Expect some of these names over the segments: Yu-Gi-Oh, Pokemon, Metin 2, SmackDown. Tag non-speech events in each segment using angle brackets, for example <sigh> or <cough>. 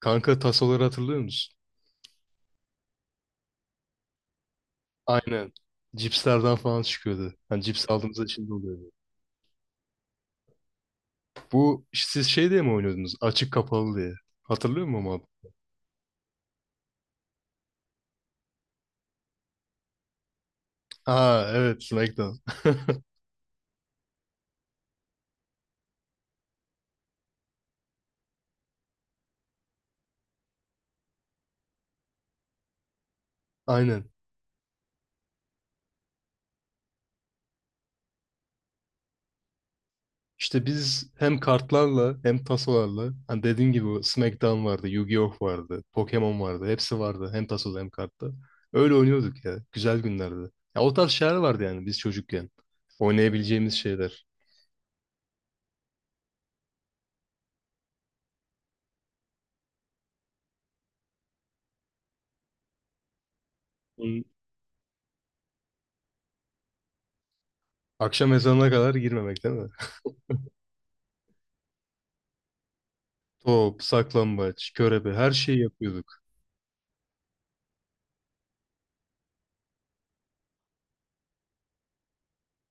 Kanka tasoları hatırlıyor musun? Aynen. Cipslerden falan çıkıyordu. Hani cips aldığımızda içinde oluyordu. Bu siz şey diye mi oynuyordunuz? Açık kapalı diye. Hatırlıyor musun abi? Aa evet SmackDown. <laughs> Aynen. İşte biz hem kartlarla hem tasolarla hani dediğin gibi o SmackDown vardı, Yu-Gi-Oh vardı, Pokemon vardı. Hepsi vardı hem tasoda hem kartta. Öyle oynuyorduk ya. Güzel günlerdi. Ya o tarz şeyler vardı yani biz çocukken. Oynayabileceğimiz şeyler. Bunun akşam ezanına kadar girmemek değil mi? Top, saklambaç, körebe her şeyi yapıyorduk.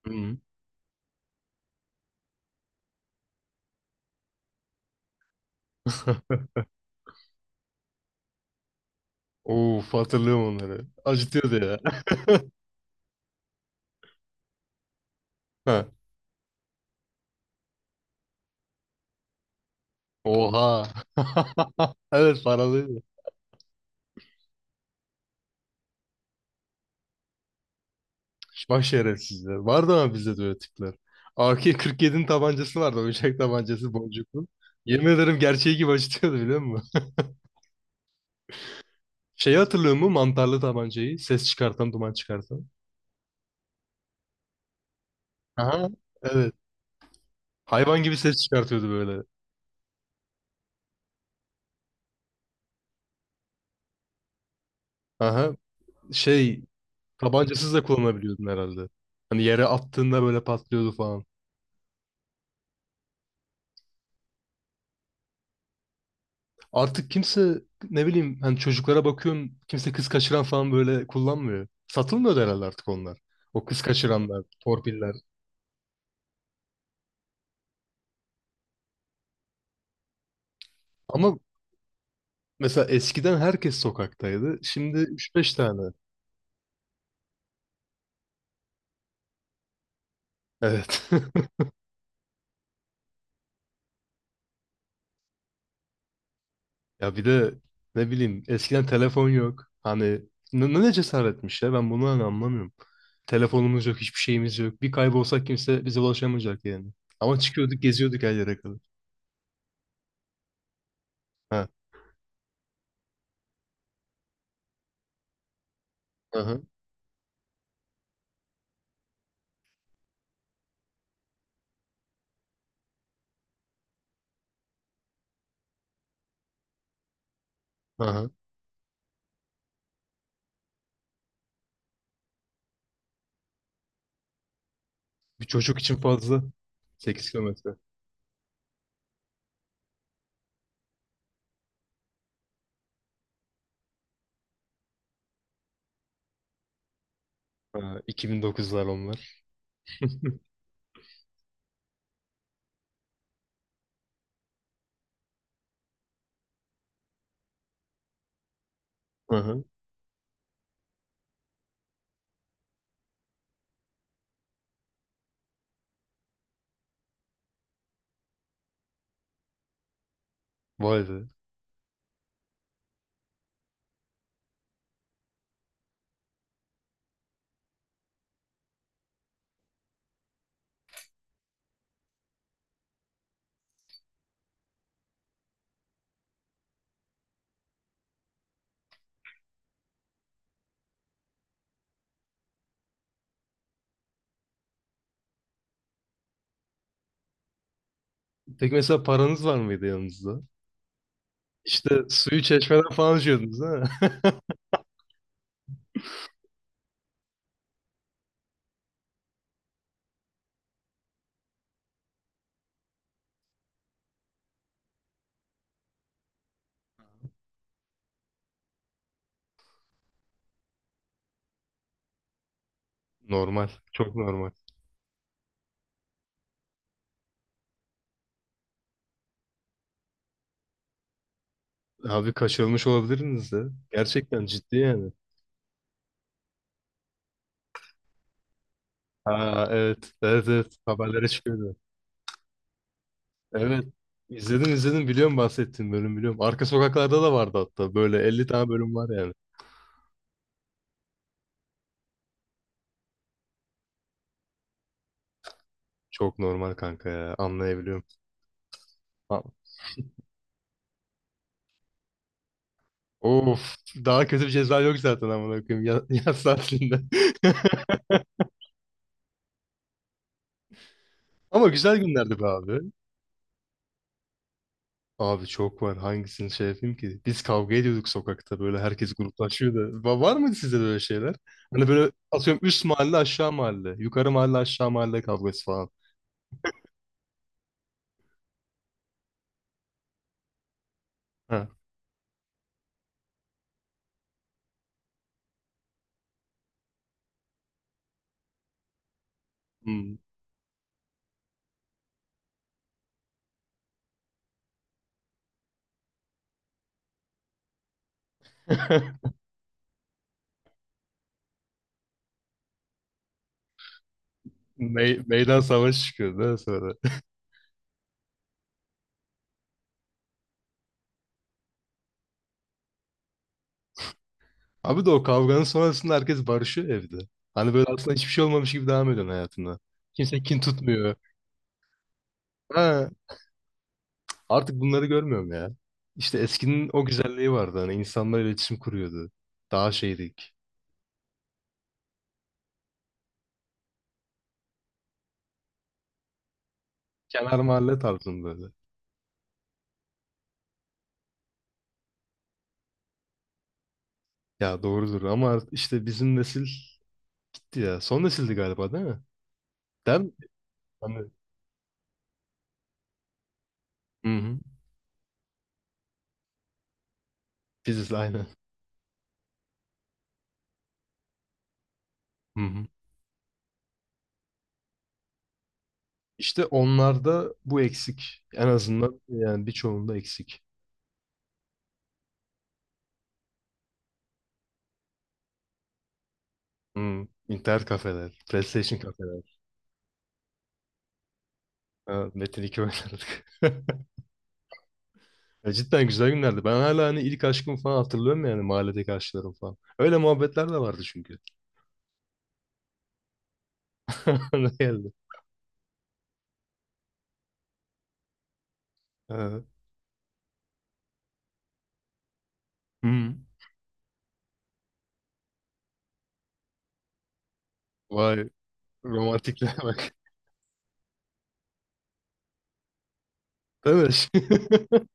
Hı. <laughs> Of, hatırlıyorum onları. Acıtıyordu ya. <laughs> Ha. Oha. <laughs> Evet paralıydı. Bak şerefsizler. Vardı ama bizde de öyle tipler. AK-47'nin tabancası vardı. Oyuncak tabancası boncuklu. Yemin ederim gerçeği gibi acıtıyordu biliyor musun? Şeyi hatırlıyor musun? Mantarlı tabancayı. Ses çıkartan, duman çıkartan. Aha. Evet. Hayvan gibi ses çıkartıyordu böyle. Aha. Şey, tabancasız da kullanabiliyordun herhalde. Hani yere attığında böyle patlıyordu falan. Artık kimse, ne bileyim, hani çocuklara bakıyorum, kimse kız kaçıran falan böyle kullanmıyor. Satılmıyor da herhalde artık onlar. O kız kaçıranlar, torpiller. Ama mesela eskiden herkes sokaktaydı. Şimdi üç beş tane. Evet. <laughs> Ya bir de ne bileyim eskiden telefon yok. Hani ne cesaretmiş ya, ben bunu hani anlamıyorum. Telefonumuz yok, hiçbir şeyimiz yok. Bir kaybolsak kimse bize ulaşamayacak yani. Ama çıkıyorduk, geziyorduk her yere kadar. Ha. Aha. Aha. Bir çocuk için fazla. 8 kilometre. Ha, 2009'lar onlar. Aha. Vay be. Peki mesela paranız var mıydı yanınızda? İşte suyu çeşmeden falan içiyordunuz ha? <laughs> Normal. Çok normal. Abi kaçırılmış olabiliriniz de. Gerçekten ciddi yani. Ha evet. Evet evet. Haberlere çıkıyordu. Evet. İzledim izledim. Biliyorum, bahsettiğim bölüm biliyorum. Arka sokaklarda da vardı hatta. Böyle 50 tane bölüm var yani. Çok normal kanka ya. Anlayabiliyorum. Ha- Of. Daha kötü bir ceza yok zaten amına koyayım. Ya, <laughs> yaz saatinde. <laughs> Ama güzel günlerdi be abi. Abi çok var. Hangisini şey yapayım ki? Biz kavga ediyorduk sokakta. Böyle herkes gruplaşıyordu. Var mıydı sizde böyle şeyler? Hani böyle atıyorum, üst mahalle aşağı mahalle. Yukarı mahalle aşağı mahalle kavgası falan. Ha. Hmm. <laughs> Meydan savaşı çıkıyordu ha sonra. Abi de o kavganın sonrasında herkes barışıyor evde. Hani böyle aslında hiçbir şey olmamış gibi devam ediyorsun hayatına. Kimse kin tutmuyor. Ha, artık bunları görmüyorum ya. İşte eskinin o güzelliği vardı. Hani insanlar iletişim kuruyordu. Daha şeydik. Kenar mahalle tarzında böyle. Ya doğrudur ama işte bizim nesil ya. Son nesildi galiba değil mi? Değil mi? Hani, hı hı. Biziz aynen. Hı hı. İşte onlarda bu eksik. En azından yani birçoğunda eksik. Hı. İnternet kafeler, PlayStation kafeler. Ha, Metin 2 oynardık. <laughs> Ya cidden güzel günlerdi. Ben hala hani ilk aşkımı falan hatırlıyorum yani mahalledeki aşklarım falan. Öyle muhabbetler de vardı çünkü. <laughs> Ne geldi? Ha. Hmm. Vay, romantikliğe <laughs> bak. Değil mi? <laughs>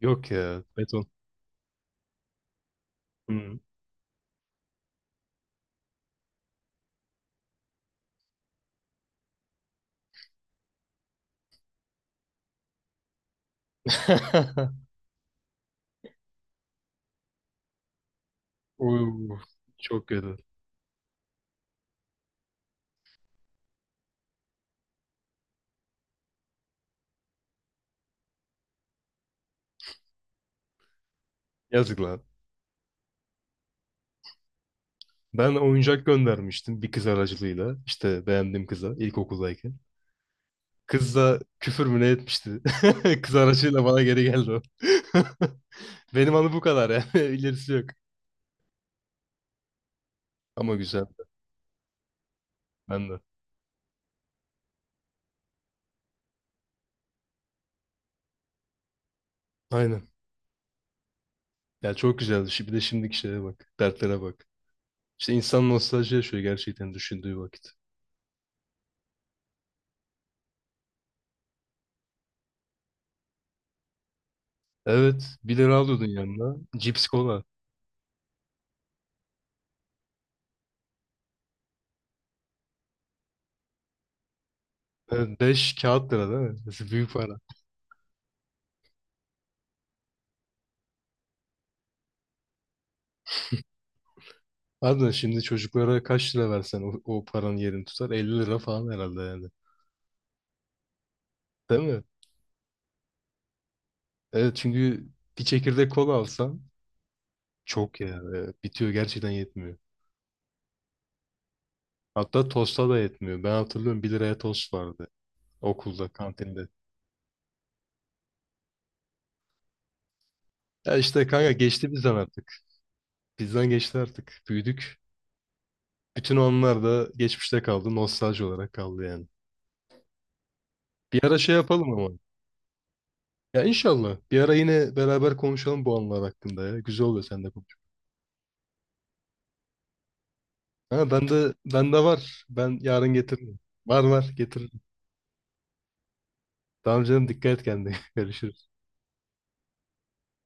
Yok ya, beton. Hmm. <laughs> Uuu, çok kötü. Yazık lan. Ben oyuncak göndermiştim bir kız aracılığıyla. İşte beğendiğim kıza ilkokuldayken. Kız da küfür mü ne etmişti. <laughs> Kız aracıyla bana geri geldi o. <laughs> Benim anı bu kadar yani. <laughs> İlerisi yok. Ama güzel. Ben de. Aynen. Ya çok güzeldi. Bir de şimdiki şeye bak. Dertlere bak. İşte insan nostalji yaşıyor gerçekten düşündüğü vakit. Evet. 1 lira alıyordun yanına. Cips, kola. Evet, 5 kağıt lira değil mi? Nasıl büyük para. Harbiden şimdi çocuklara kaç lira versen o paranın yerini tutar? 50 lira falan herhalde yani. Değil mi? Evet çünkü bir çekirdek kola alsan çok ya. Evet, bitiyor gerçekten yetmiyor. Hatta tosta da yetmiyor. Ben hatırlıyorum, 1 liraya tost vardı okulda kantinde. Ya işte kanka, geçti bizden artık. Bizden geçti artık. Büyüdük. Bütün onlar da geçmişte kaldı. Nostalji olarak kaldı yani. Bir ara şey yapalım ama. Ya inşallah. Bir ara yine beraber konuşalım bu anılar hakkında ya. Güzel oluyor seninle konuşmak. Ha, ben de var. Ben yarın getiririm. Var var getiririm. Tamam canım, dikkat et kendine. <laughs> Görüşürüz.